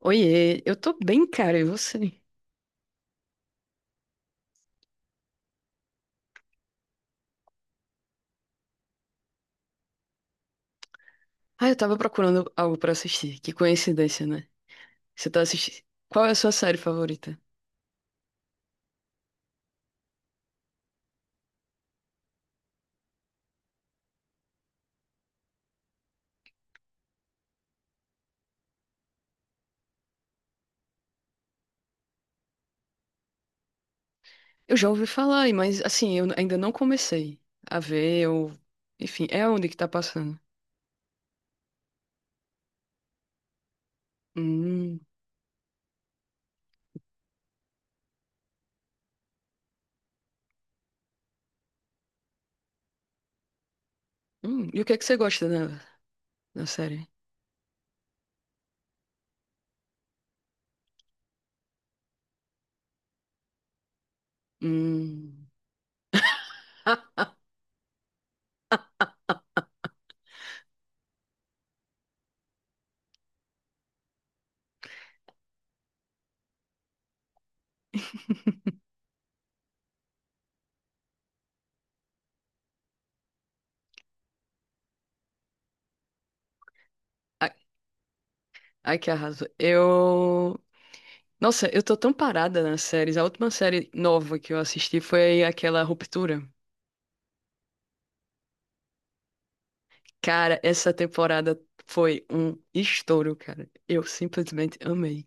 Oiê, eu tô bem, cara, e você? Ah, eu tava procurando algo pra assistir. Que coincidência, né? Você tá assistindo. Qual é a sua série favorita? Eu já ouvi falar, mas assim, eu ainda não comecei a ver, Enfim, é onde que tá passando. Hum, E o que é que você gosta da série? Hum. Ah, ai, ai, que arraso. Nossa, eu tô tão parada nas séries. A última série nova que eu assisti foi aquela Ruptura. Cara, essa temporada foi um estouro, cara. Eu simplesmente amei.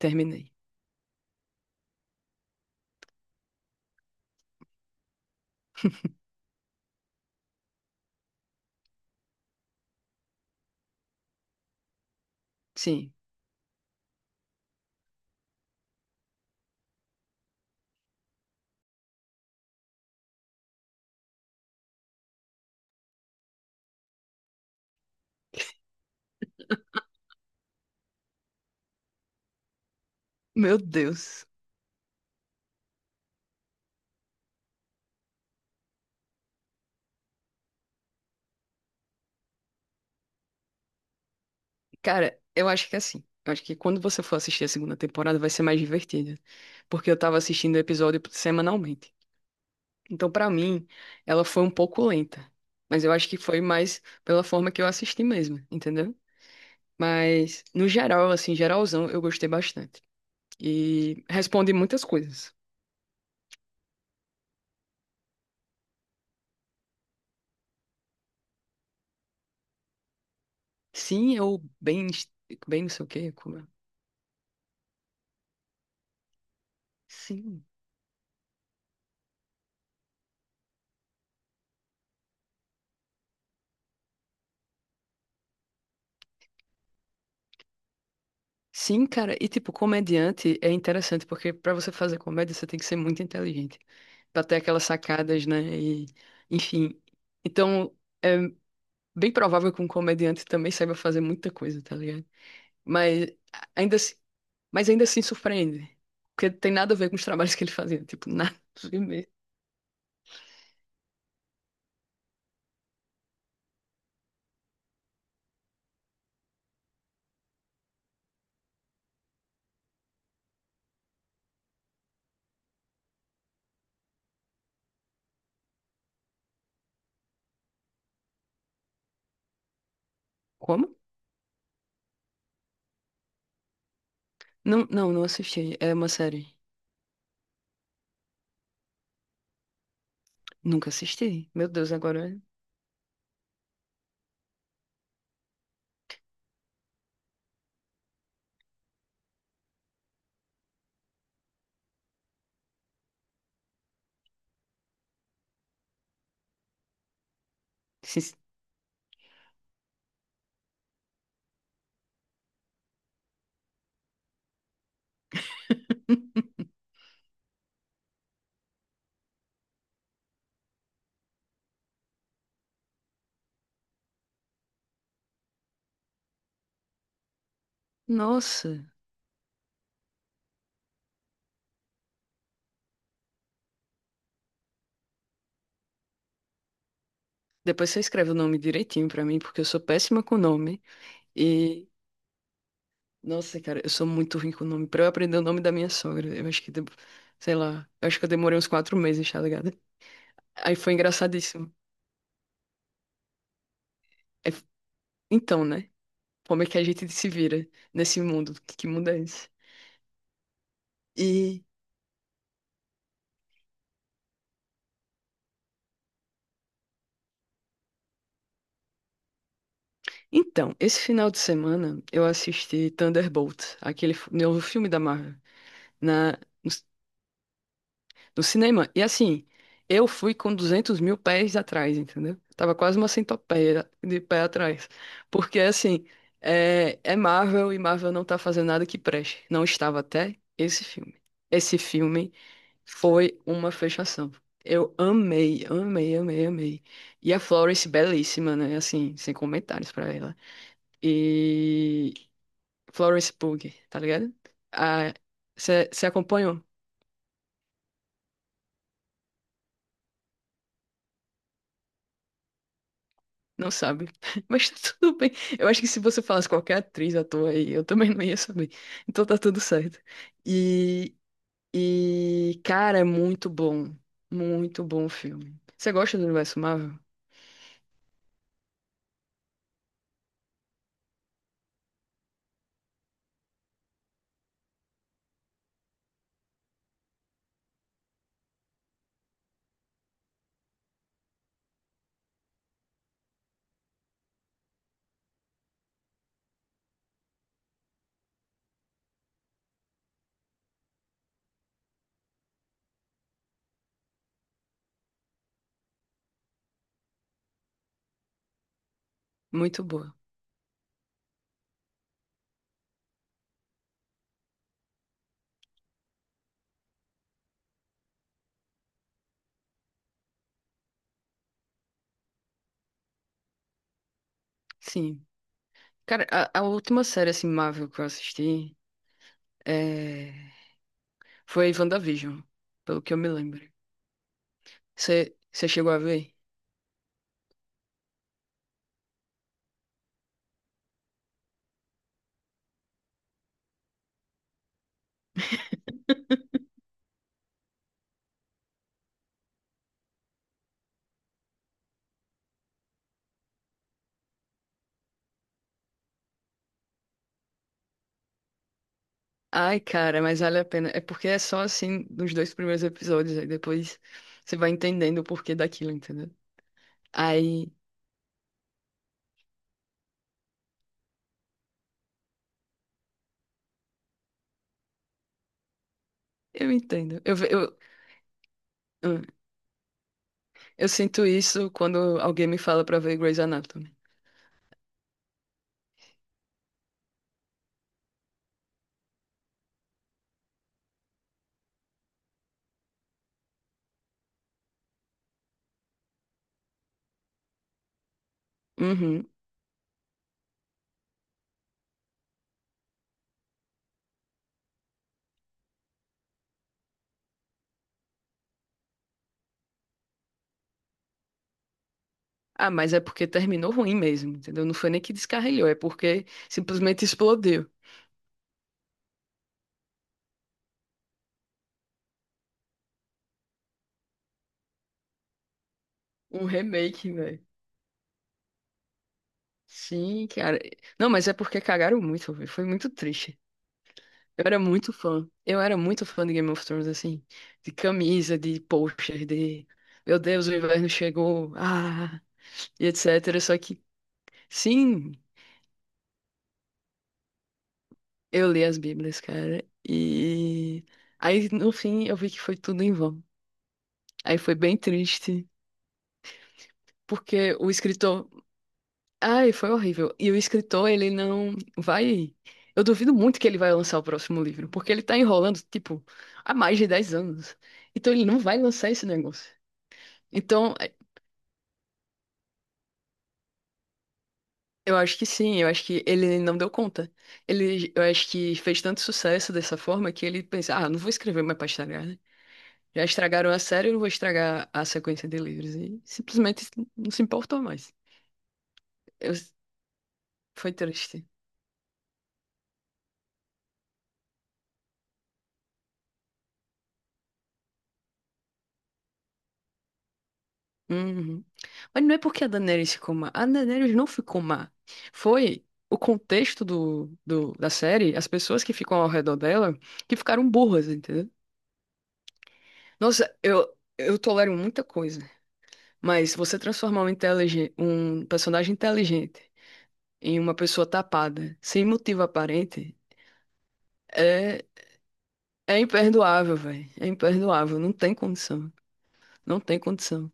Terminei. Sim. Meu Deus. Cara, eu acho que é assim. Eu acho que quando você for assistir a segunda temporada vai ser mais divertida. Porque eu tava assistindo o episódio semanalmente. Então, pra mim, ela foi um pouco lenta. Mas eu acho que foi mais pela forma que eu assisti mesmo, entendeu? Mas, no geral, assim, geralzão, eu gostei bastante. E responde muitas coisas. Sim, eu bem. Bem, não sei o quê. Como é? Sim. Sim, cara. E tipo, comediante é interessante porque pra você fazer comédia você tem que ser muito inteligente, pra ter aquelas sacadas, né? E enfim. Então, é bem provável que um comediante também saiba fazer muita coisa, tá ligado? Mas a- ainda assim, mas ainda assim surpreende, porque tem nada a ver com os trabalhos que ele fazia, tipo, nada a ver mesmo. Como? Não, não, não assisti. É uma série. Nunca assisti. Meu Deus, agora. Sin- Nossa. Depois você escreve o nome direitinho pra mim, porque eu sou péssima com nome. E, nossa, cara, eu sou muito ruim com o nome. Pra eu aprender o nome da minha sogra, eu acho que, sei lá, eu acho que eu demorei uns 4 meses, tá ligado? Aí foi engraçadíssimo. Aí então, né? Como é que a gente se vira nesse mundo? Que mundo é esse? E, então, esse final de semana eu assisti Thunderbolt, aquele novo filme da Marvel, na, no cinema. E assim, eu fui com 200 mil pés atrás, entendeu? Tava quase uma centopeia de pé atrás. Porque assim, é Marvel e Marvel não tá fazendo nada que preste. Não estava até esse filme. Esse filme foi uma fechação. Eu amei, amei, amei, amei. E a Florence, belíssima, né? Assim, sem comentários pra ela. E Florence Pugh, tá ligado? Você acompanha? Não sabe. Mas tá tudo bem. Eu acho que se você falasse qualquer atriz, ator aí, eu também não ia saber. Então tá tudo certo. E, e cara, é muito bom. Muito bom o filme. Você gosta do universo Marvel? Muito boa. Sim. Cara, a última série assim, Marvel que eu assisti é... foi WandaVision, pelo que eu me lembro. Você chegou a ver? Ai, cara, mas vale a pena. É porque é só assim nos dois primeiros episódios, aí depois você vai entendendo o porquê daquilo, entendeu? Aí eu entendo. Eu, hum, eu sinto isso quando alguém me fala pra ver Grey's Anatomy. Uhum. Ah, mas é porque terminou ruim mesmo, entendeu? Não foi nem que descarrilhou, é porque simplesmente explodiu. Um remake, velho. Sim, cara. Não, mas é porque cagaram muito, velho. Foi muito triste. Eu era muito fã. Eu era muito fã de Game of Thrones, assim. De camisa, de pôster, de. Meu Deus, o inverno chegou. Ah, e etc. Só que. Sim. Eu li as Bíblias, cara, e aí no fim eu vi que foi tudo em vão. Aí foi bem triste, porque o escritor, ai, foi horrível. E o escritor, ele não vai, eu duvido muito que ele vai lançar o próximo livro, porque ele tá enrolando, tipo, há mais de 10 anos. Então ele não vai lançar esse negócio. Então, é, eu acho que sim, eu acho que ele não deu conta. Ele, eu acho que fez tanto sucesso dessa forma que ele pensa, ah, não vou escrever mais pra estragar. Já estragaram a série, eu não vou estragar a sequência de livros. E simplesmente não se importou mais. Eu- Foi triste. Uhum. Mas não é porque a Daenerys ficou má. A Daenerys não ficou má. Foi o contexto da série, as pessoas que ficam ao redor dela, que ficaram burras, entendeu? Nossa, eu tolero muita coisa. Mas você transformar um, um personagem inteligente em uma pessoa tapada, sem motivo aparente, é É imperdoável, velho. É imperdoável. Não tem condição. Não tem condição.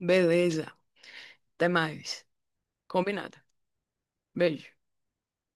Beleza. Até mais. Combinado. Beijo.